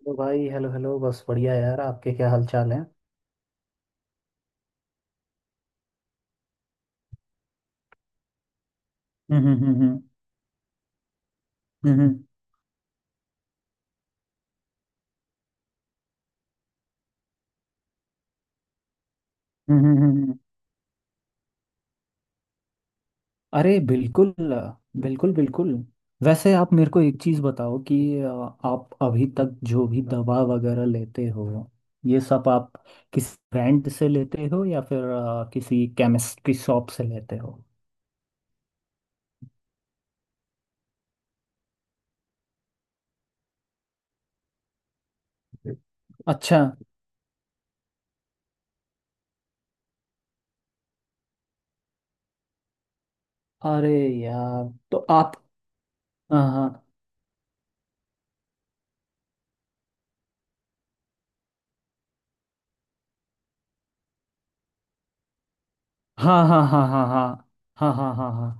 Hello भाई। Hello hello, बस बढ़िया यार। आपके क्या हाल चाल है? हम्म। हम्म हम्म हम्म, हम्म। अरे बिल्कुल। बिल्कुल बिल्कुल। वैसे आप मेरे को एक चीज़ बताओ कि आप अभी तक जो भी दवा वगैरह लेते हो, ये सब आप किस ब्रांड से लेते हो या फिर किसी केमिस्ट्री शॉप से लेते हो? अच्छा। अरे यार, तो आप। हाँ हाँ हाँ हाँ हाँ हाँ हाँ हाँ हाँ हाँ हाँ हाँ।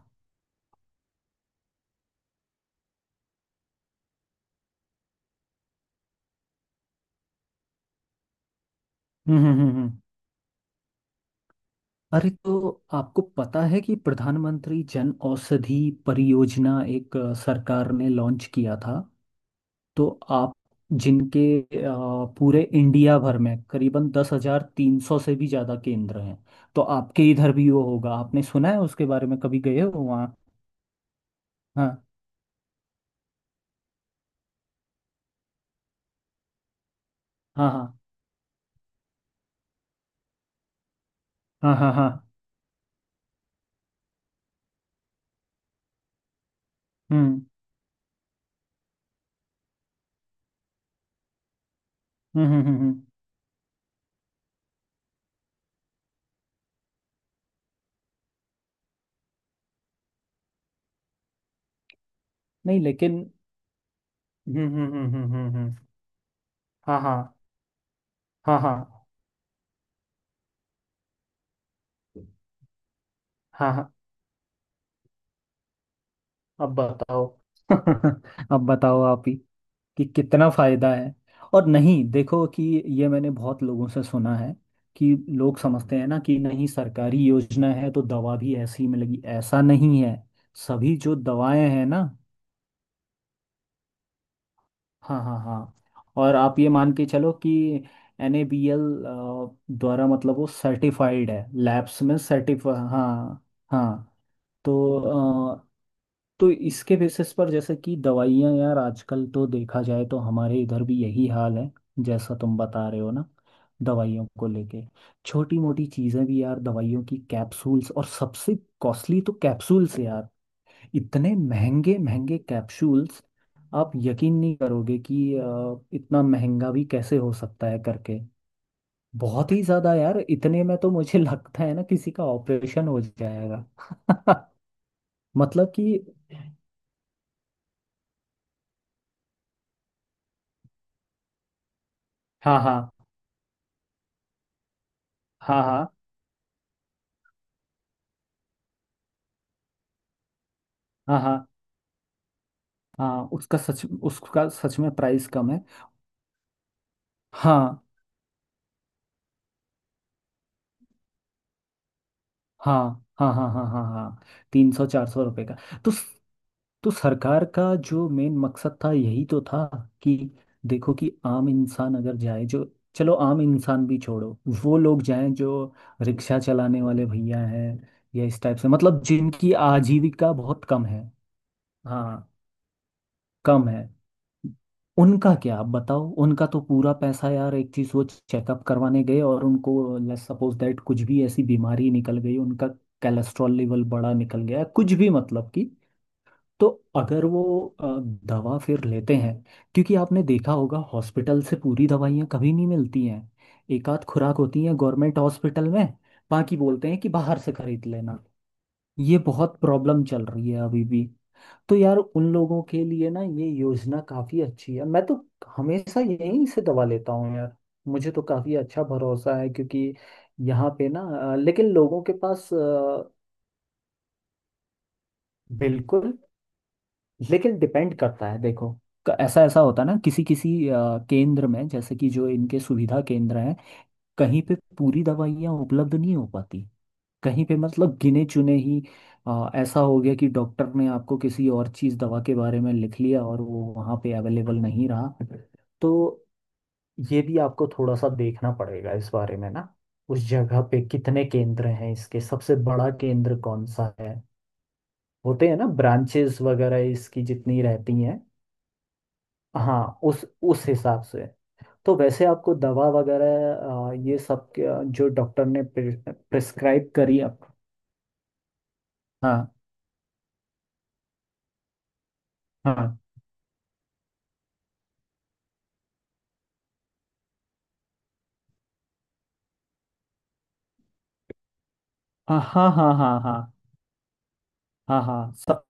हम्म। अरे तो आपको पता है कि प्रधानमंत्री जन औषधि परियोजना एक, सरकार ने लॉन्च किया था। तो आप जिनके, पूरे इंडिया भर में करीबन 10,300 से भी ज़्यादा केंद्र हैं। तो आपके इधर भी वो होगा? आपने सुना है उसके बारे में? कभी गए हो वहाँ? हाँ हाँ हाँ हाँ हाँ हाँ। हम्म हम्म हम्म हम्म हम्म। नहीं, लेकिन हम्म। हाँ हाँ हाँ हाँ हाँ हाँ। अब बताओ। अब बताओ, आप ही कि कितना फायदा है। और नहीं, देखो कि ये मैंने बहुत लोगों से सुना है कि लोग समझते हैं ना कि नहीं, सरकारी योजना है तो दवा भी ऐसी ही मिलेगी, ऐसा नहीं है। सभी जो दवाएं हैं ना। हाँ हाँ हाँ। और आप ये मान के चलो कि एनएबीएल द्वारा, मतलब वो सर्टिफाइड है, लैब्स में सर्टिफा हाँ। हाँ। तो तो इसके बेसिस पर, जैसे कि दवाइयाँ यार, आजकल तो देखा जाए तो हमारे इधर भी यही हाल है जैसा तुम बता रहे हो ना। दवाइयों को लेके छोटी मोटी चीज़ें भी यार, दवाइयों की कैप्सूल्स, और सबसे कॉस्टली तो कैप्सूल्स यार। इतने महंगे महंगे कैप्सूल्स। आप यकीन नहीं करोगे कि इतना महंगा भी कैसे हो सकता है करके। बहुत ही ज़्यादा यार, इतने में तो मुझे लगता है ना किसी का ऑपरेशन हो जाएगा। मतलब कि। हाँ हाँ हाँ हाँ हाँ हाँ हाँ। उसका सच में प्राइस कम है। हाँ हाँ हाँ हाँ हाँ हाँ हाँ। 300-400 रुपये का। तो सरकार का जो मेन मकसद था यही तो था कि देखो कि आम इंसान अगर जाए जो, चलो आम इंसान भी छोड़ो, वो लोग जाएं जो रिक्शा चलाने वाले भैया हैं, या इस टाइप से मतलब जिनकी आजीविका बहुत कम है। हाँ, कम है। उनका क्या आप बताओ? उनका तो पूरा पैसा यार, एक चीज वो चेकअप करवाने गए और उनको लेट्स सपोज दैट कुछ भी ऐसी बीमारी निकल गई, उनका कोलेस्ट्रॉल लेवल बड़ा निकल गया, कुछ भी मतलब कि। तो अगर वो अ, दवा फिर लेते हैं, क्योंकि आपने देखा होगा हॉस्पिटल से पूरी दवाइयाँ कभी नहीं मिलती हैं। एक आध खुराक होती है गवर्नमेंट हॉस्पिटल में, बाकी बोलते हैं कि बाहर से खरीद लेना। ये बहुत प्रॉब्लम चल रही है अभी भी। तो यार उन लोगों के लिए ना ये योजना काफी अच्छी है। मैं तो हमेशा यहीं से दवा लेता हूँ यार। मुझे तो काफी अच्छा भरोसा है क्योंकि यहाँ पे ना, लेकिन लोगों के पास बिल्कुल। लेकिन डिपेंड करता है, देखो, ऐसा ऐसा होता है ना किसी किसी केंद्र में, जैसे कि जो इनके सुविधा केंद्र हैं, कहीं पे पूरी दवाइयाँ उपलब्ध नहीं हो पाती, कहीं पे मतलब गिने चुने ही। ऐसा हो गया कि डॉक्टर ने आपको किसी और चीज़ दवा के बारे में लिख लिया और वो वहाँ पे अवेलेबल नहीं रहा। तो ये भी आपको थोड़ा सा देखना पड़ेगा इस बारे में ना, उस जगह पे कितने केंद्र हैं, इसके सबसे बड़ा केंद्र कौन सा है, होते हैं ना ब्रांचेस वगैरह इसकी जितनी रहती हैं। हाँ, उस हिसाब से। तो वैसे आपको दवा वगैरह, ये सब जो डॉक्टर ने प्रिस्क्राइब करी आप। हाँ हाँ हाँ हाँ हाँ हाँ हाँ हाँ हाँ, सब।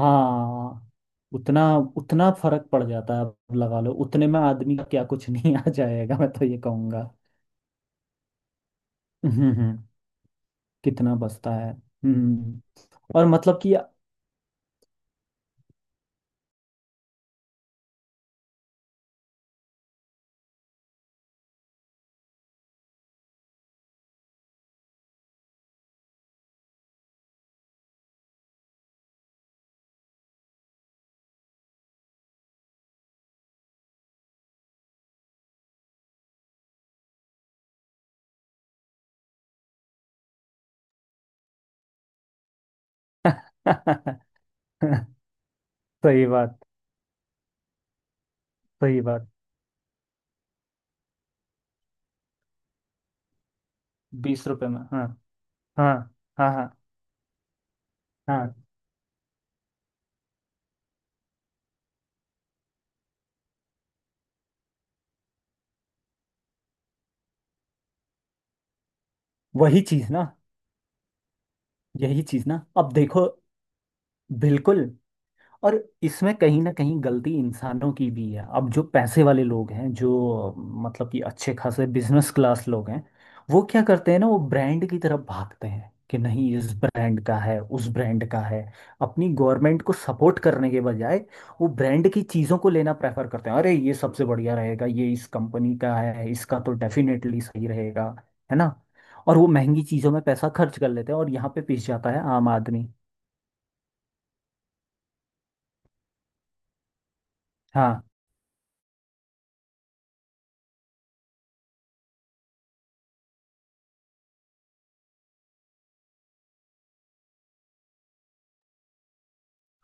हाँ। उतना उतना फर्क पड़ जाता है। अब लगा लो उतने में आदमी का क्या कुछ नहीं आ जाएगा, मैं तो ये कहूँगा। हम्म हम्म, हम्म, कितना बचता है और मतलब कि। सही बात। सही बात। 20 रुपए में। हाँ हाँ हाँ हाँ हाँ। वही चीज ना। यही चीज ना, अब देखो, बिल्कुल। और इसमें कहीं ना कहीं गलती इंसानों की भी है। अब जो पैसे वाले लोग हैं, जो मतलब कि अच्छे खासे बिजनेस क्लास लोग हैं, वो क्या करते हैं ना, वो ब्रांड की तरफ भागते हैं कि नहीं इस ब्रांड का है उस ब्रांड का है। अपनी गवर्नमेंट को सपोर्ट करने के बजाय वो ब्रांड की चीज़ों को लेना प्रेफर करते हैं। अरे ये सबसे बढ़िया रहेगा, ये इस कंपनी का है, इसका तो डेफिनेटली सही रहेगा। है ना। और वो महंगी चीज़ों में पैसा खर्च कर लेते हैं और यहाँ पे पिस जाता है आम आदमी। हाँ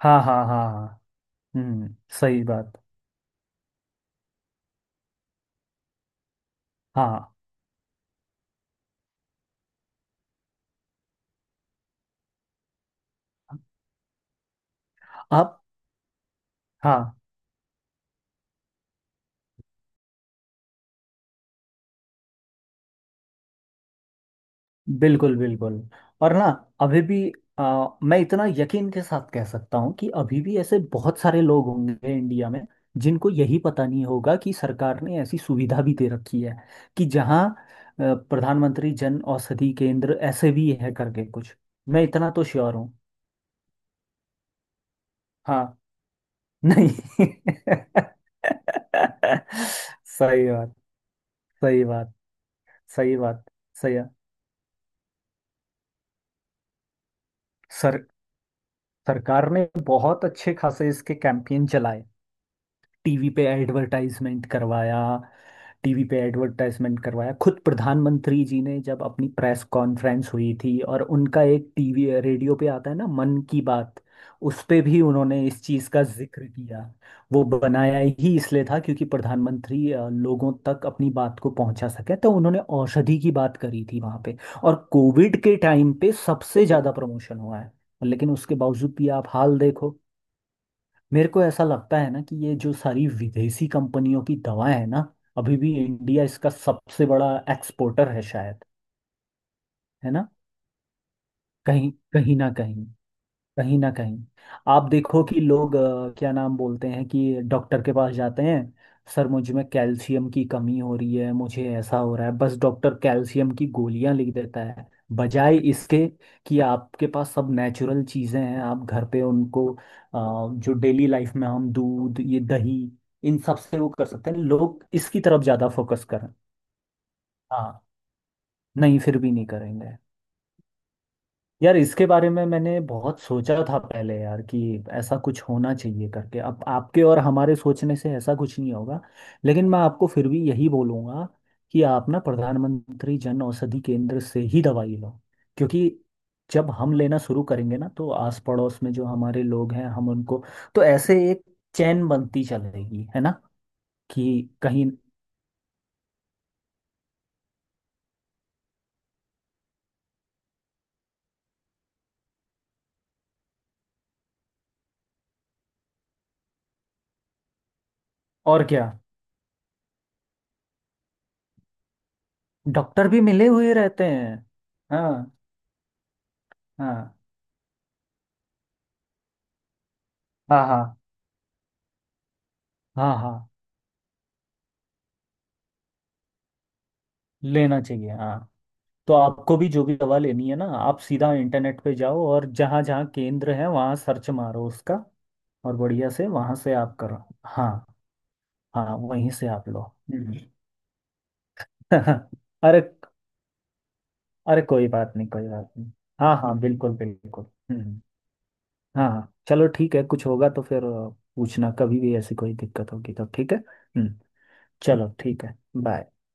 हाँ हाँ हाँ हाँ। हम्म, सही बात। हाँ, आप, हाँ, बिल्कुल बिल्कुल। और ना अभी भी, मैं इतना यकीन के साथ कह सकता हूँ कि अभी भी ऐसे बहुत सारे लोग होंगे इंडिया में जिनको यही पता नहीं होगा कि सरकार ने ऐसी सुविधा भी दे रखी है कि जहाँ अ, प्रधानमंत्री जन औषधि केंद्र ऐसे भी है करके कुछ। मैं इतना तो श्योर हूँ। हाँ, नहीं। सही बात। सही बात। सही बात। सही है। सर सरकार ने बहुत अच्छे खासे इसके कैंपेन चलाए, टीवी पे एडवर्टाइजमेंट करवाया टीवी पे एडवर्टाइजमेंट करवाया खुद प्रधानमंत्री जी ने जब अपनी प्रेस कॉन्फ्रेंस हुई थी। और उनका एक टीवी रेडियो पे आता है ना, मन की बात, उस पे भी उन्होंने इस चीज़ का जिक्र किया। वो बनाया ही इसलिए था क्योंकि प्रधानमंत्री लोगों तक अपनी बात को पहुंचा सके, तो उन्होंने औषधि की बात करी थी वहां पे। और कोविड के टाइम पे सबसे ज्यादा प्रमोशन हुआ है। लेकिन उसके बावजूद भी आप हाल देखो। मेरे को ऐसा लगता है ना कि ये जो सारी विदेशी कंपनियों की दवाएं हैं ना, अभी भी इंडिया इसका सबसे बड़ा एक्सपोर्टर है शायद, है ना। कहीं कहीं ना कहीं, कहीं ना कहीं आप देखो कि लोग क्या नाम बोलते हैं कि डॉक्टर के पास जाते हैं, सर मुझ में कैल्शियम की कमी हो रही है, मुझे ऐसा हो रहा है, बस डॉक्टर कैल्शियम की गोलियां लिख देता है, बजाय इसके कि आपके पास सब नेचुरल चीज़ें हैं, आप घर पे उनको, जो डेली लाइफ में हम दूध, ये दही, इन सब से वो कर सकते हैं, लोग इसकी तरफ ज़्यादा फोकस करें। हाँ, नहीं फिर भी नहीं करेंगे। यार इसके बारे में मैंने बहुत सोचा था पहले यार कि ऐसा कुछ होना चाहिए करके, अब आपके और हमारे सोचने से ऐसा कुछ नहीं होगा। लेकिन मैं आपको फिर भी यही बोलूँगा कि आप ना प्रधानमंत्री जन औषधि केंद्र से ही दवाई लो, क्योंकि जब हम लेना शुरू करेंगे ना तो आस पड़ोस में जो हमारे लोग हैं हम उनको, तो ऐसे एक चैन बनती चलेगी है ना। कि कहीं और क्या, डॉक्टर भी मिले हुए रहते हैं। हाँ हाँ हाँ हाँ हाँ हाँ, लेना चाहिए हाँ। तो आपको भी जो भी दवा लेनी है ना, आप सीधा इंटरनेट पे जाओ और जहाँ जहाँ केंद्र है वहाँ सर्च मारो उसका। और बढ़िया से वहाँ से आप करो। हाँ हाँ, वहीं से आप लो। हम्म। अरे। अरे कोई बात नहीं, कोई बात नहीं। हाँ हाँ बिल्कुल बिल्कुल। हम्म। हाँ हाँ चलो, ठीक है। कुछ होगा तो फिर पूछना कभी भी, ऐसी कोई दिक्कत होगी तो ठीक है हम्म। चलो ठीक है। बाय।